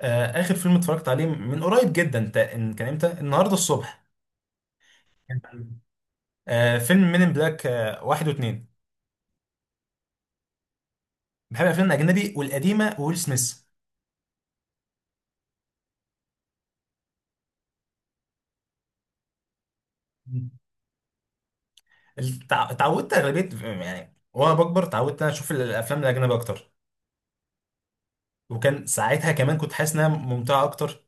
اخر فيلم اتفرجت عليه من قريب جدا، كان امتى؟ النهارده الصبح. فيلم "مين ان بلاك"، واحد واثنين. بحب الافلام الاجنبي والقديمه وويل سميث. اتعودت اغلبيه، يعني وانا بكبر اتعودت انا اشوف الافلام الاجنبيه اكتر. وكان ساعتها كمان كنت حاسس انها ممتعه اكتر.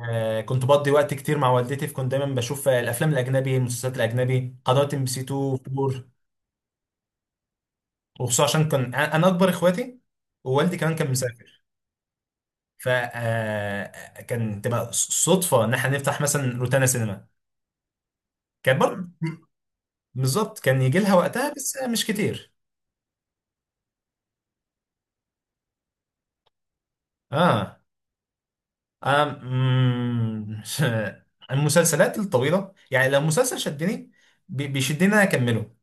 كنت بقضي وقت كتير مع والدتي، فكنت دايما بشوف الافلام الاجنبي، المسلسلات الاجنبي، قنوات ام بي سي 2 4. وخصوصا عشان كان انا اكبر اخواتي، ووالدي كمان كان مسافر. فكان تبقى صدفه ان احنا نفتح مثلا روتانا سينما، كان برضه. بالظبط، كان يجي لها وقتها بس مش كتير. اه. أم... مم، المسلسلات الطويله، يعني لو مسلسل شدني، بيشدني ان انا اكمله.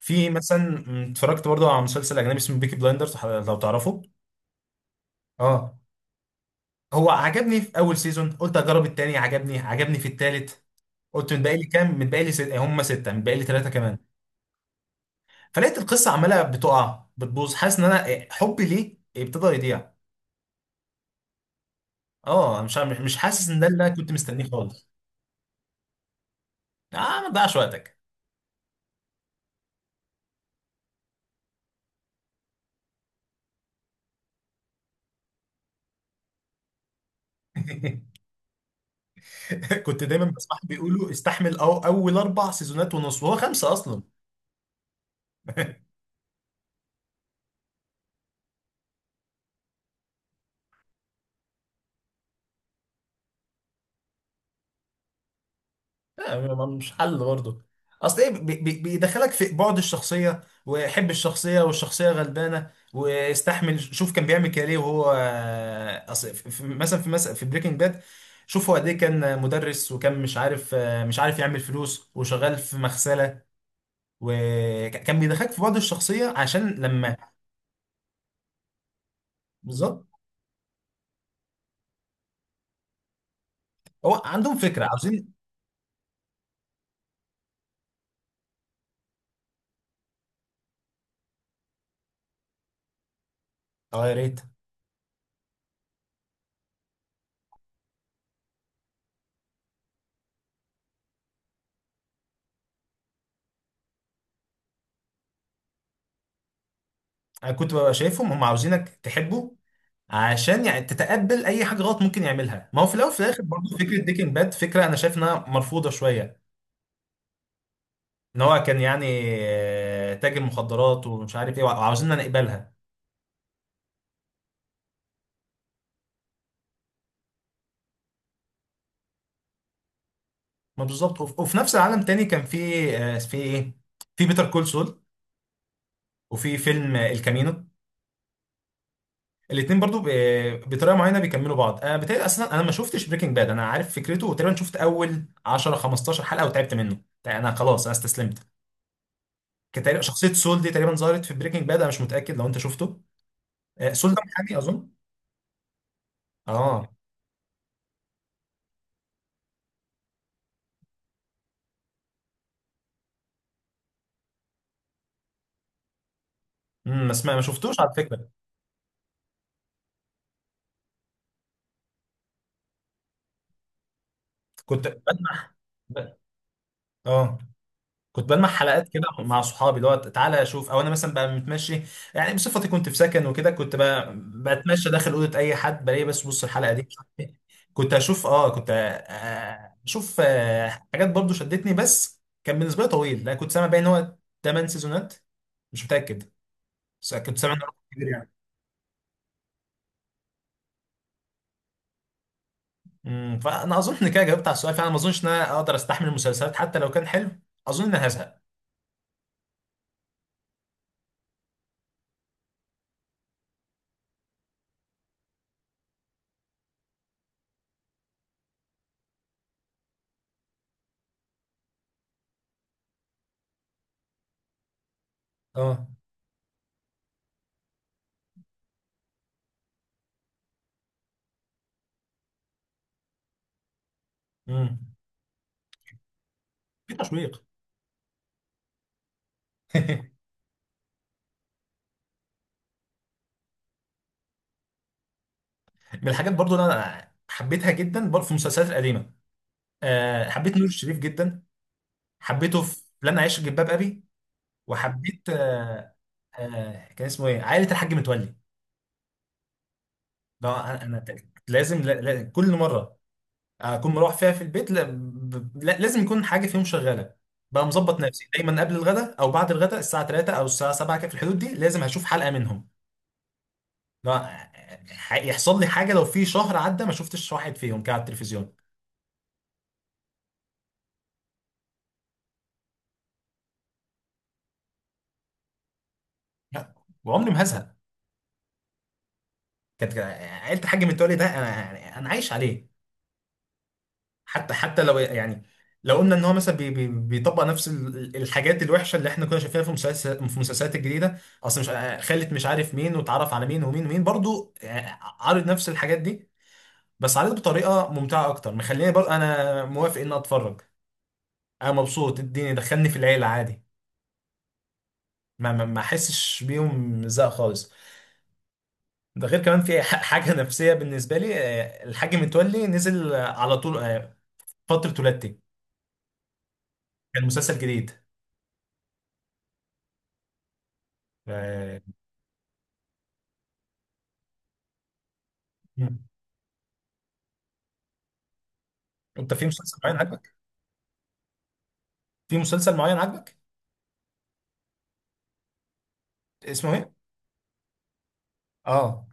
في مثلا. اتفرجت برضه على مسلسل اجنبي اسمه "بيكي بلايندرز"، لو تعرفه. اه. هو عجبني في اول سيزون، قلت اجرب التاني، عجبني، عجبني في التالت. قلت: متبقي لي كام؟ متبقي لي ست... هم سته، متبقي لي ثلاثه كمان. فلقيت القصه عماله بتقع بتبوظ، حاسس ان انا حبي ليه ابتدى يضيع. اه، أنا مش حاسس ان ده اللي انا كنت مستنيه خالص. اه، ما تضيعش وقتك. كنت دايما بسمع بيقولوا: استحمل أو اول اربع سيزونات ونص، وهو خمسه اصلا. لا، مش حل برضه. اصل ايه، بيدخلك في بعد الشخصيه، وحب الشخصيه والشخصيه غلبانه، واستحمل، شوف كان بيعمل كده ليه وهو. اصل في- في- مثلا في مثلا في بريكنج باد. شوف هو قد ايه، كان مدرس وكان مش عارف يعمل فلوس وشغال في مغسله. وكان بيدخلك في بعد الشخصيه عشان لما. بالظبط. هو عندهم فكره عاوزين. اه، يا ريت. انا كنت ببقى شايفهم هم عاوزينك تحبه، عشان يعني تتقبل اي حاجه غلط ممكن يعملها. ما هو في الاول وفي الاخر برضه فكره بريكنج باد، فكره انا شايف انها مرفوضه شويه. ان هو كان يعني تاجر مخدرات ومش عارف ايه، وعاوزيننا نقبلها. ما بالظبط. وفي نفس العالم تاني كان في في ايه، في "بيتر كول سول"، وفي فيلم "الكامينو". الاثنين برضو بطريقه معينه بيكملوا بعض. انا بتهيألي اصلا انا ما شفتش بريكنج باد، انا عارف فكرته، وتقريبا شفت اول 10 15 حلقه وتعبت منه. يعني انا خلاص، انا استسلمت. كان تقريبا شخصيه سول دي تقريبا ظهرت في بريكنج باد، انا مش متاكد لو انت شفته. سلطة، محامي اظن. اه. بس ما شفتوش على فكرة. كنت بلمح، ب- اه كنت بلمح حلقات كده مع صحابي اللي هو تعالى اشوف، او انا مثلا بقى متمشي. يعني بصفتي كنت في سكن وكده، كنت بقى بتمشى داخل اوضه اي حد بلاقي. بس بص، الحلقه دي مش عارف إيه. كنت اشوف حاجات برضو شدتني. بس كان بالنسبه لي طويل، لا كنت سامع بقى ان هو 8 سيزونات، مش متاكد، بس كنت سامع انه رقم كبير يعني. فانا اظن ان كده جاوبت على السؤال، فانا ما اظنش ان انا اقدر استحمل المسلسلات حتى لو كان حلو. اظن ان انا هزهق. اه. امم. في تشويق. من الحاجات برضو اللي انا حبيتها جدا برضو، في المسلسلات القديمه. حبيت نور الشريف جدا، حبيته في "لن اعيش في جلباب ابي". وحبيت أه أه كان اسمه ايه؟ عائله الحاج متولي. ده انا لازم. لا لا، كل مره اكون مروح فيها في البيت، لا ب- لا- لازم يكون حاجه فيهم شغاله. بقى مظبط نفسي دايما قبل الغداء او بعد الغداء، الساعه 3 او الساعه 7 كده في الحدود دي، لازم هشوف حلقه منهم. لا، يحصل لي حاجه لو في شهر عدى ما شفتش واحد فيهم كده على التلفزيون. لا، وعمري ما هزهق. كانت عيله الحاج متولي ده انا عايش عليه. حتى لو يعني، لو قلنا ان هو مثلا بي بي بيطبق نفس الحاجات الوحشه اللي احنا كنا شايفينها في المسلسلات الجديده. اصل مش، خلت مش عارف مين واتعرف على مين ومين ومين، برضو عارض نفس الحاجات دي، بس عارض بطريقه ممتعه اكتر، مخليني برضو انا موافق ان اتفرج. انا مبسوط، اديني دخلني في العيله عادي، ما احسش بيهم زهق خالص. ده غير كمان في حاجه نفسيه بالنسبه لي. الحاج متولي نزل على طول، فتره ولادتي، كان مسلسل جديد. آه، انت في مسلسل معين عاجبك؟ في مسلسل معين عاجبك؟ اسمه ايه؟ اه.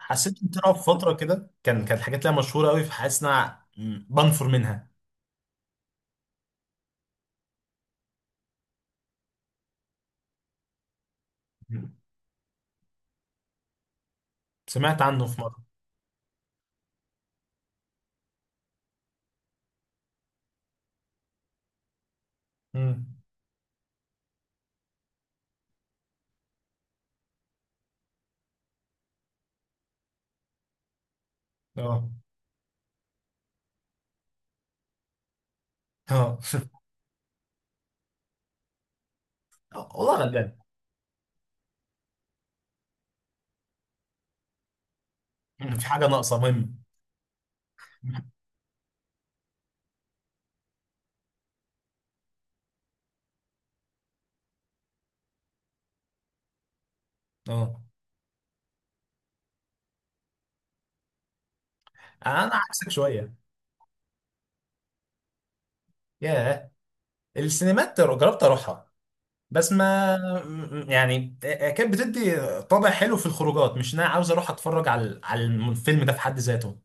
حسيت ان طلع في فتره كده كانت حاجات ليها مشهوره قوي، فحاسس ان انا بنفر منها. مم. سمعت عنه في مره. مم. اه، اه. والله غلبان. في حاجه ناقصه مهم. مم. اه. انا عكسك شويه. ياه، السينمات جربت اروحها، بس ما، يعني كانت بتدي طابع حلو في الخروجات، مش ان انا عاوز اروح اتفرج على الفيلم ده في حد ذاته.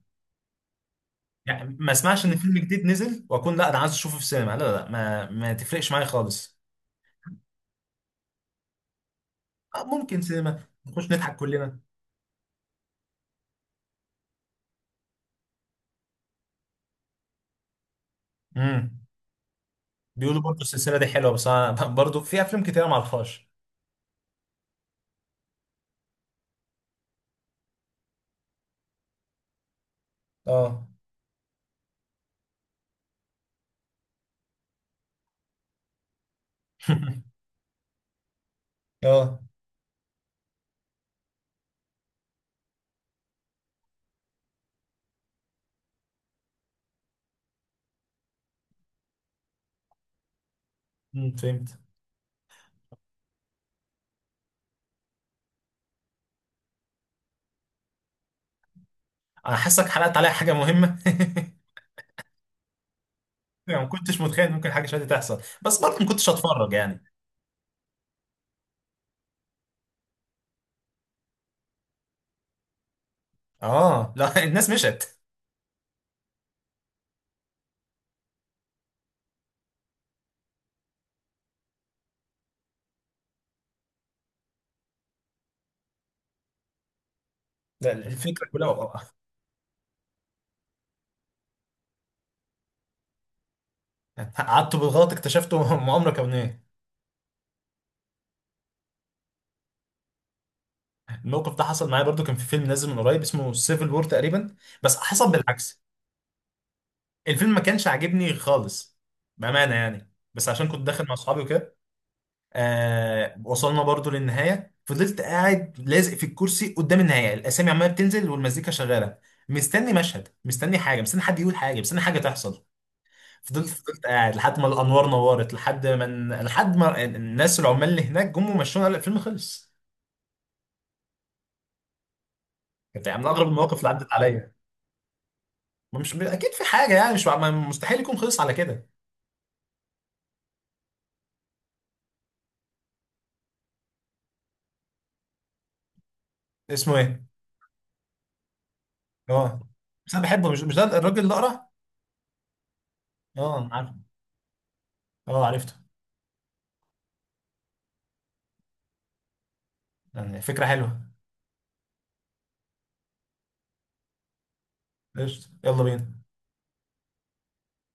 يعني ما اسمعش ان فيلم جديد نزل واكون: لا، انا عايز اشوفه في السينما. لا لا لا، ما تفرقش معايا خالص. ممكن سينما نخش نضحك كلنا. امم. بيقولوا برضه السلسله دي حلوه، بس انا برضه في افلام كتير ما اعرفهاش. اه. اه. فهمت. انا حاسك حرقت عليا حاجه مهمه. يعني ما كنتش متخيل إن ممكن حاجه شبه دي تحصل، بس برضه ما كنتش هتفرج يعني. اه. لا الناس مشت. لا، الفكره كلها قعدت بالغلط اكتشفته مؤامره كونيه. الموقف ده حصل معايا برضو، كان في فيلم نازل من قريب اسمه "سيفل وور" تقريبا، بس حصل بالعكس. الفيلم ما كانش عاجبني خالص، بأمانة يعني، بس عشان كنت داخل مع اصحابي وكده. وصلنا برضو للنهاية، فضلت قاعد لازق في الكرسي قدام النهاية، الأسامي عمالة بتنزل والمزيكا شغالة، مستني مشهد، مستني حاجة، مستني حد يقول حاجة، مستني حاجة تحصل. فضلت قاعد لحد ما الأنوار نورت، لحد ما الناس العمال اللي هناك جم ومشونا، قال الفيلم خلص. كانت يعني من أغرب المواقف اللي عدت عليا. ما مش اكيد في حاجه يعني، مش مستحيل يكون خلص على كده. اسمه ايه؟ اه، بس انا بحبه، مش ده الراجل الاقرع؟ اه، عارف. اه، عرفته. يعني فكره حلوه. قشطه، يلا بينا.